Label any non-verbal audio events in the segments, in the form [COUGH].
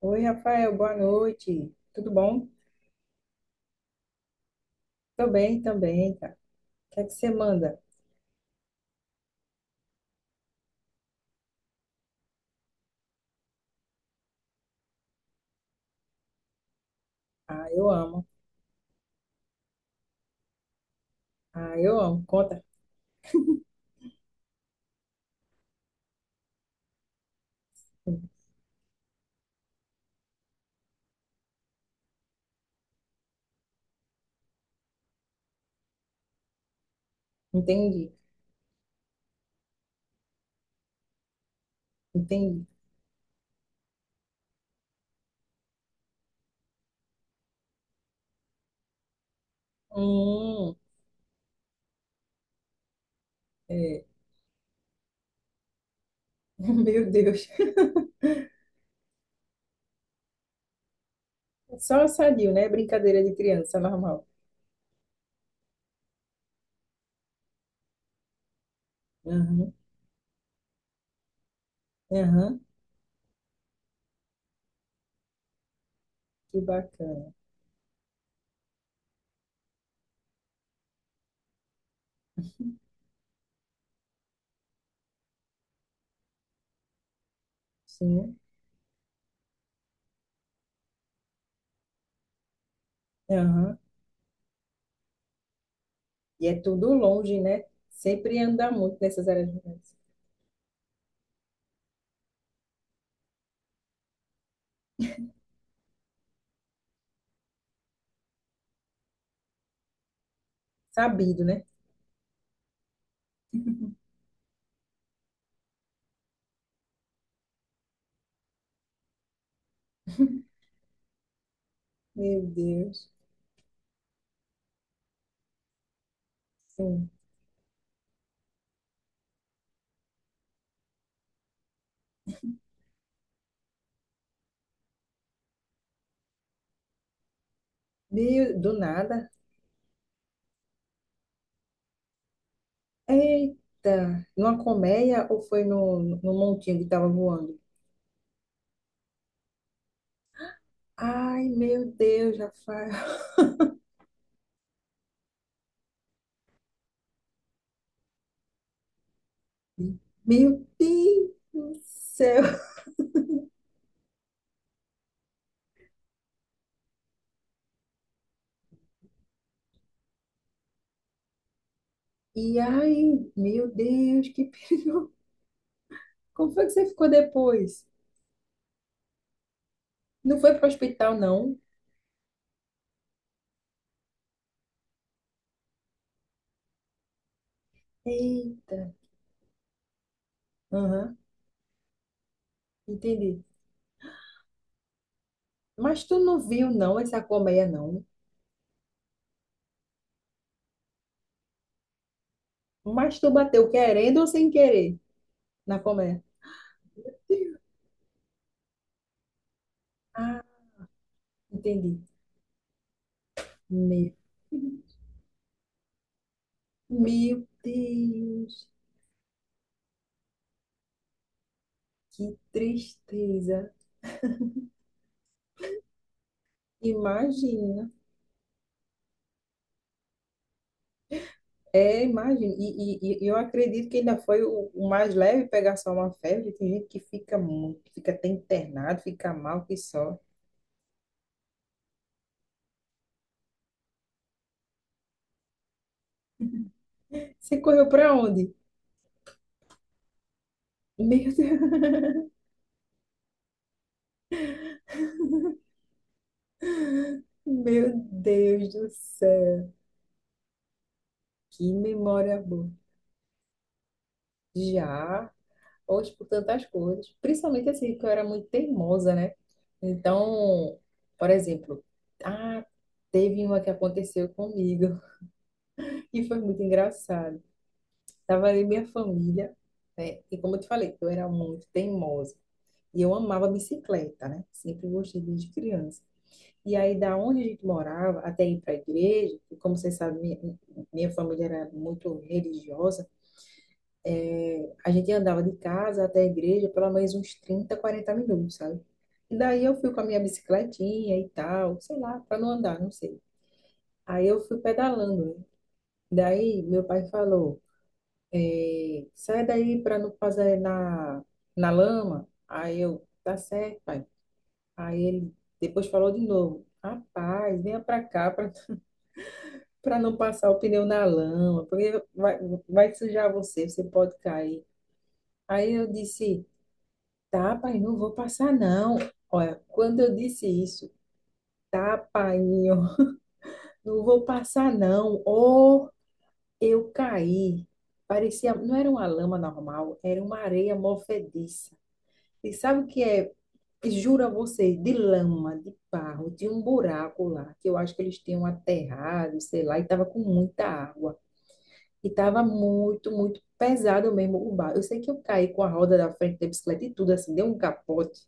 Oi, Rafael, boa noite. Tudo bom? Tô bem também, cara. O que é que você manda? Ah, eu amo. Ah, eu amo. Conta. Entendi, entendi. Hum, é. [LAUGHS] Meu Deus. Só sadio, né? Brincadeira de criança, normal. Aham, aham. Que bacana. Sim, aham. E é tudo longe, né? Sempre anda muito nessas áreas rurais. Sabido, né? [LAUGHS] Meu Deus. Sim. Meio do nada. Eita, numa colmeia ou foi no montinho que estava voando? Ai, meu Deus, Rafael. [LAUGHS] Meu Deus do céu. E ai, meu Deus, que perigo. Como foi que você ficou depois? Não foi para o hospital, não? Eita. Aham, entendi. Mas tu não viu, não, essa colmeia, não? Mas tu bateu querendo ou sem querer na colmeia? Ah, entendi. Meu, meu Deus. Que tristeza. Imagina. É, imagina. E eu acredito que ainda foi o mais leve pegar só uma febre. Tem gente que fica muito, fica até internado, fica mal que só. Você correu para onde? Meu Deus, [LAUGHS] meu Deus do céu. Que memória boa. Já, hoje por tantas coisas. Principalmente assim, que eu era muito teimosa, né? Então, por exemplo, ah, teve uma que aconteceu comigo [LAUGHS] e foi muito engraçado. Tava ali minha família, né? E como eu te falei, eu era muito teimosa. E eu amava bicicleta, né? Sempre gostei desde criança. E aí, da onde a gente morava, até ir para a igreja, e como vocês sabem, minha família era muito religiosa, a gente andava de casa até a igreja pelo menos uns 30 40 minutos, sabe? E daí eu fui com a minha bicicletinha e tal, sei lá, para não andar, não sei. Aí eu fui pedalando, né? Daí meu pai falou, é, sai daí para não fazer na, na lama. Aí eu, tá certo, pai. Aí ele depois falou de novo, rapaz, venha para cá para não passar o pneu na lama, porque vai sujar você, você pode cair. Aí eu disse, tá, pai, não vou passar não. Olha, quando eu disse isso, tá, pai, não vou passar não. Ou eu caí. Parecia, não era uma lama normal, era uma areia movediça. E sabe o que é? Juro a você, de lama, de barro, de um buraco lá, que eu acho que eles tinham aterrado, sei lá, e tava com muita água. E tava muito, muito pesado mesmo o barro. Eu sei que eu caí com a roda da frente da bicicleta e tudo, assim, deu um capote.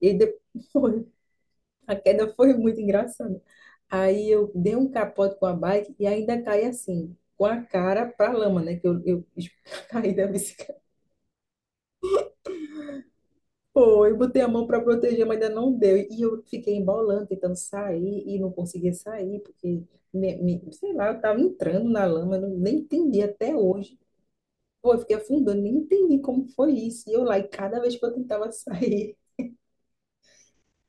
E depois, [LAUGHS] a queda foi muito engraçada. Aí eu dei um capote com a bike e ainda caí assim, com a cara pra lama, né? Que eu [LAUGHS] caí da bicicleta. Pô, eu botei a mão para proteger, mas ainda não deu. E eu fiquei embolando, tentando sair e não conseguia sair, porque, sei lá, eu estava entrando na lama, eu não- nem entendi até hoje. Pô, eu fiquei afundando, nem entendi como foi isso. E eu lá, e cada vez que eu tentava sair,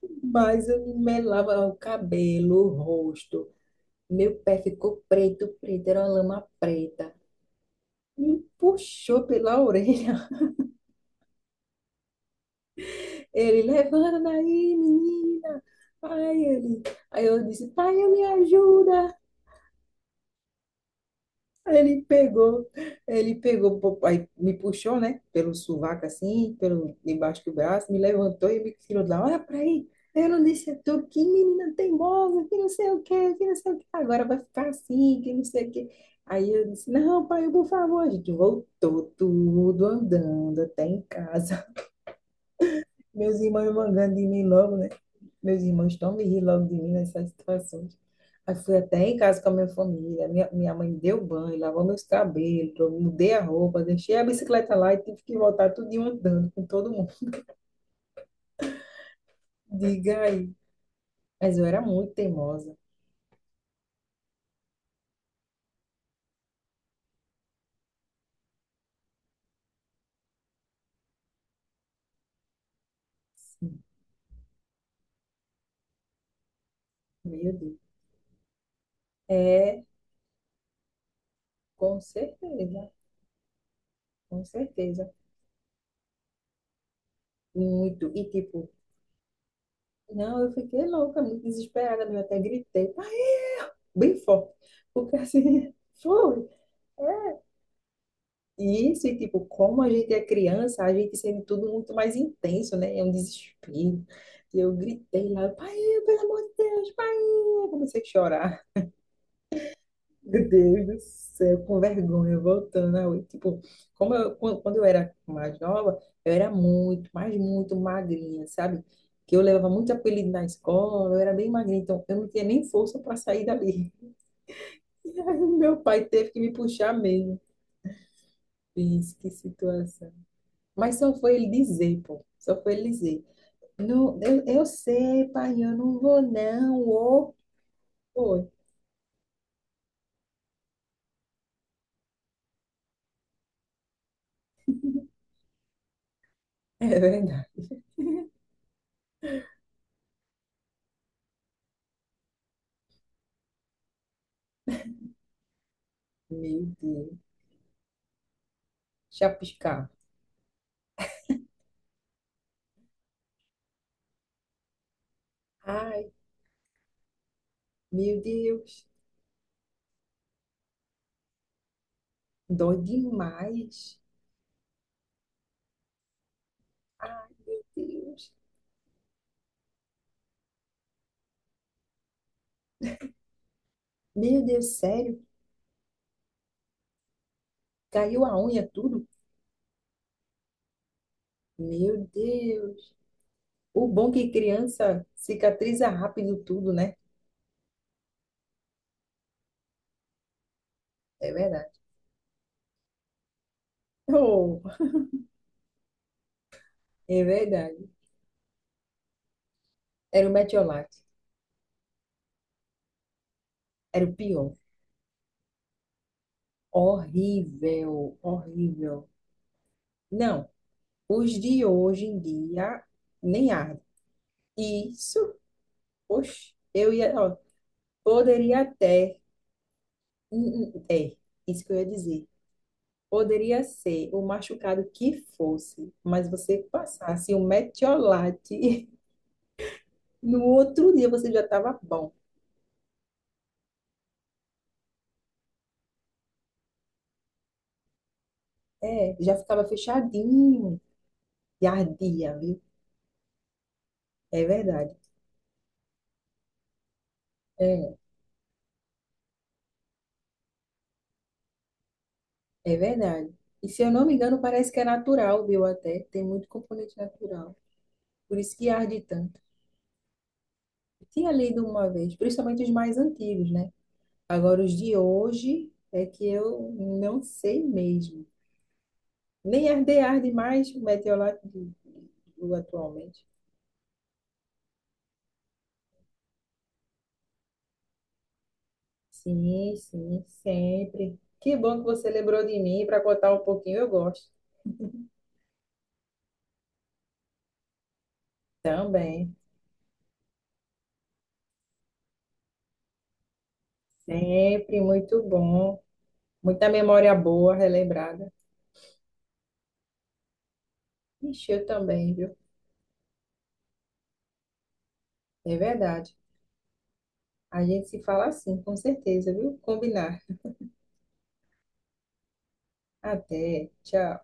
[LAUGHS] mas eu me melava o cabelo, o rosto, meu pé ficou preto, preto, era uma lama preta. Me puxou pela orelha. [LAUGHS] Ele, levanta daí, menina. Aí ele. Aí eu disse, pai, me ajuda. Aí ele pegou, ele pegou, pô, aí me puxou, né, pelo sovaco assim, pelo debaixo do braço, me levantou e me tirou de lá. Olha pra aí, eu não disse a tu que menina teimosa, que não sei o quê, que não sei o quê, agora vai ficar assim, que não sei o quê. Aí eu disse: não, pai, por favor, a gente voltou tudo andando até em casa. [LAUGHS] Meus irmãos mangando de mim logo, né? Meus irmãos estão me rilando de mim nessas situações. Aí fui até em casa com a minha família. Minha mãe deu banho, lavou meus cabelos, eu mudei a roupa, deixei a bicicleta lá e tive que voltar tudinho andando com todo mundo. [LAUGHS] Diga aí. Mas eu era muito teimosa. Sim, meu Deus. É, com certeza, com certeza. Muito. E tipo, não, eu fiquei louca, muito desesperada, eu até gritei, pai, bem forte. Porque assim, [LAUGHS] foi. Isso, e tipo, como a gente é criança, a gente sente tudo muito mais intenso, né? É um desespero. E eu gritei lá, pai, pelo amor de Deus, pai! Eu comecei a chorar. [LAUGHS] Meu Deus do céu, com vergonha, voltando. A oi. Tipo, como eu, quando eu era mais nova, eu era muito, mas muito magrinha, sabe? Que eu levava muito apelido na escola, eu era bem magrinha, então eu não tinha nem força para sair dali. [LAUGHS] E aí meu pai teve que me puxar mesmo. Fiz, que situação. Mas só foi ele dizer, pô. Só foi ele dizer. Não, eu sei, pai, eu não vou não. Ô, foi. [LAUGHS] É verdade. Meu Deus. Chapiscar. Ai, meu Deus. Dói demais. Ai, meu Deus. Meu Deus, sério? Caiu a unha tudo? Meu Deus. O bom que criança cicatriza rápido tudo, né? É verdade. [LAUGHS] Oh, é verdade. Era o Mertiolate. Era o pior. Horrível, horrível. Não, os de hoje em dia nem arde. Isso, oxe, eu ia, ó, poderia até, é, isso que eu ia dizer. Poderia ser o machucado que fosse, mas você passasse um metiolate [LAUGHS] no outro dia você já estava bom. É, já ficava fechadinho e ardia, viu? É verdade. É, é verdade. E se eu não me engano, parece que é natural, viu? Até tem muito componente natural. Por isso que arde tanto. Tinha lido uma vez, principalmente os mais antigos, né? Agora, os de hoje é que eu não sei mesmo. Nem arde mais o meteorológico do atualmente. Sim, sim, sempre. Que bom que você lembrou de mim para contar um pouquinho, eu gosto. Também, sempre muito bom. Muita memória boa, relembrada. Ixi, eu também, viu? É verdade. A gente se fala assim, com certeza, viu? Combinar. Até, tchau.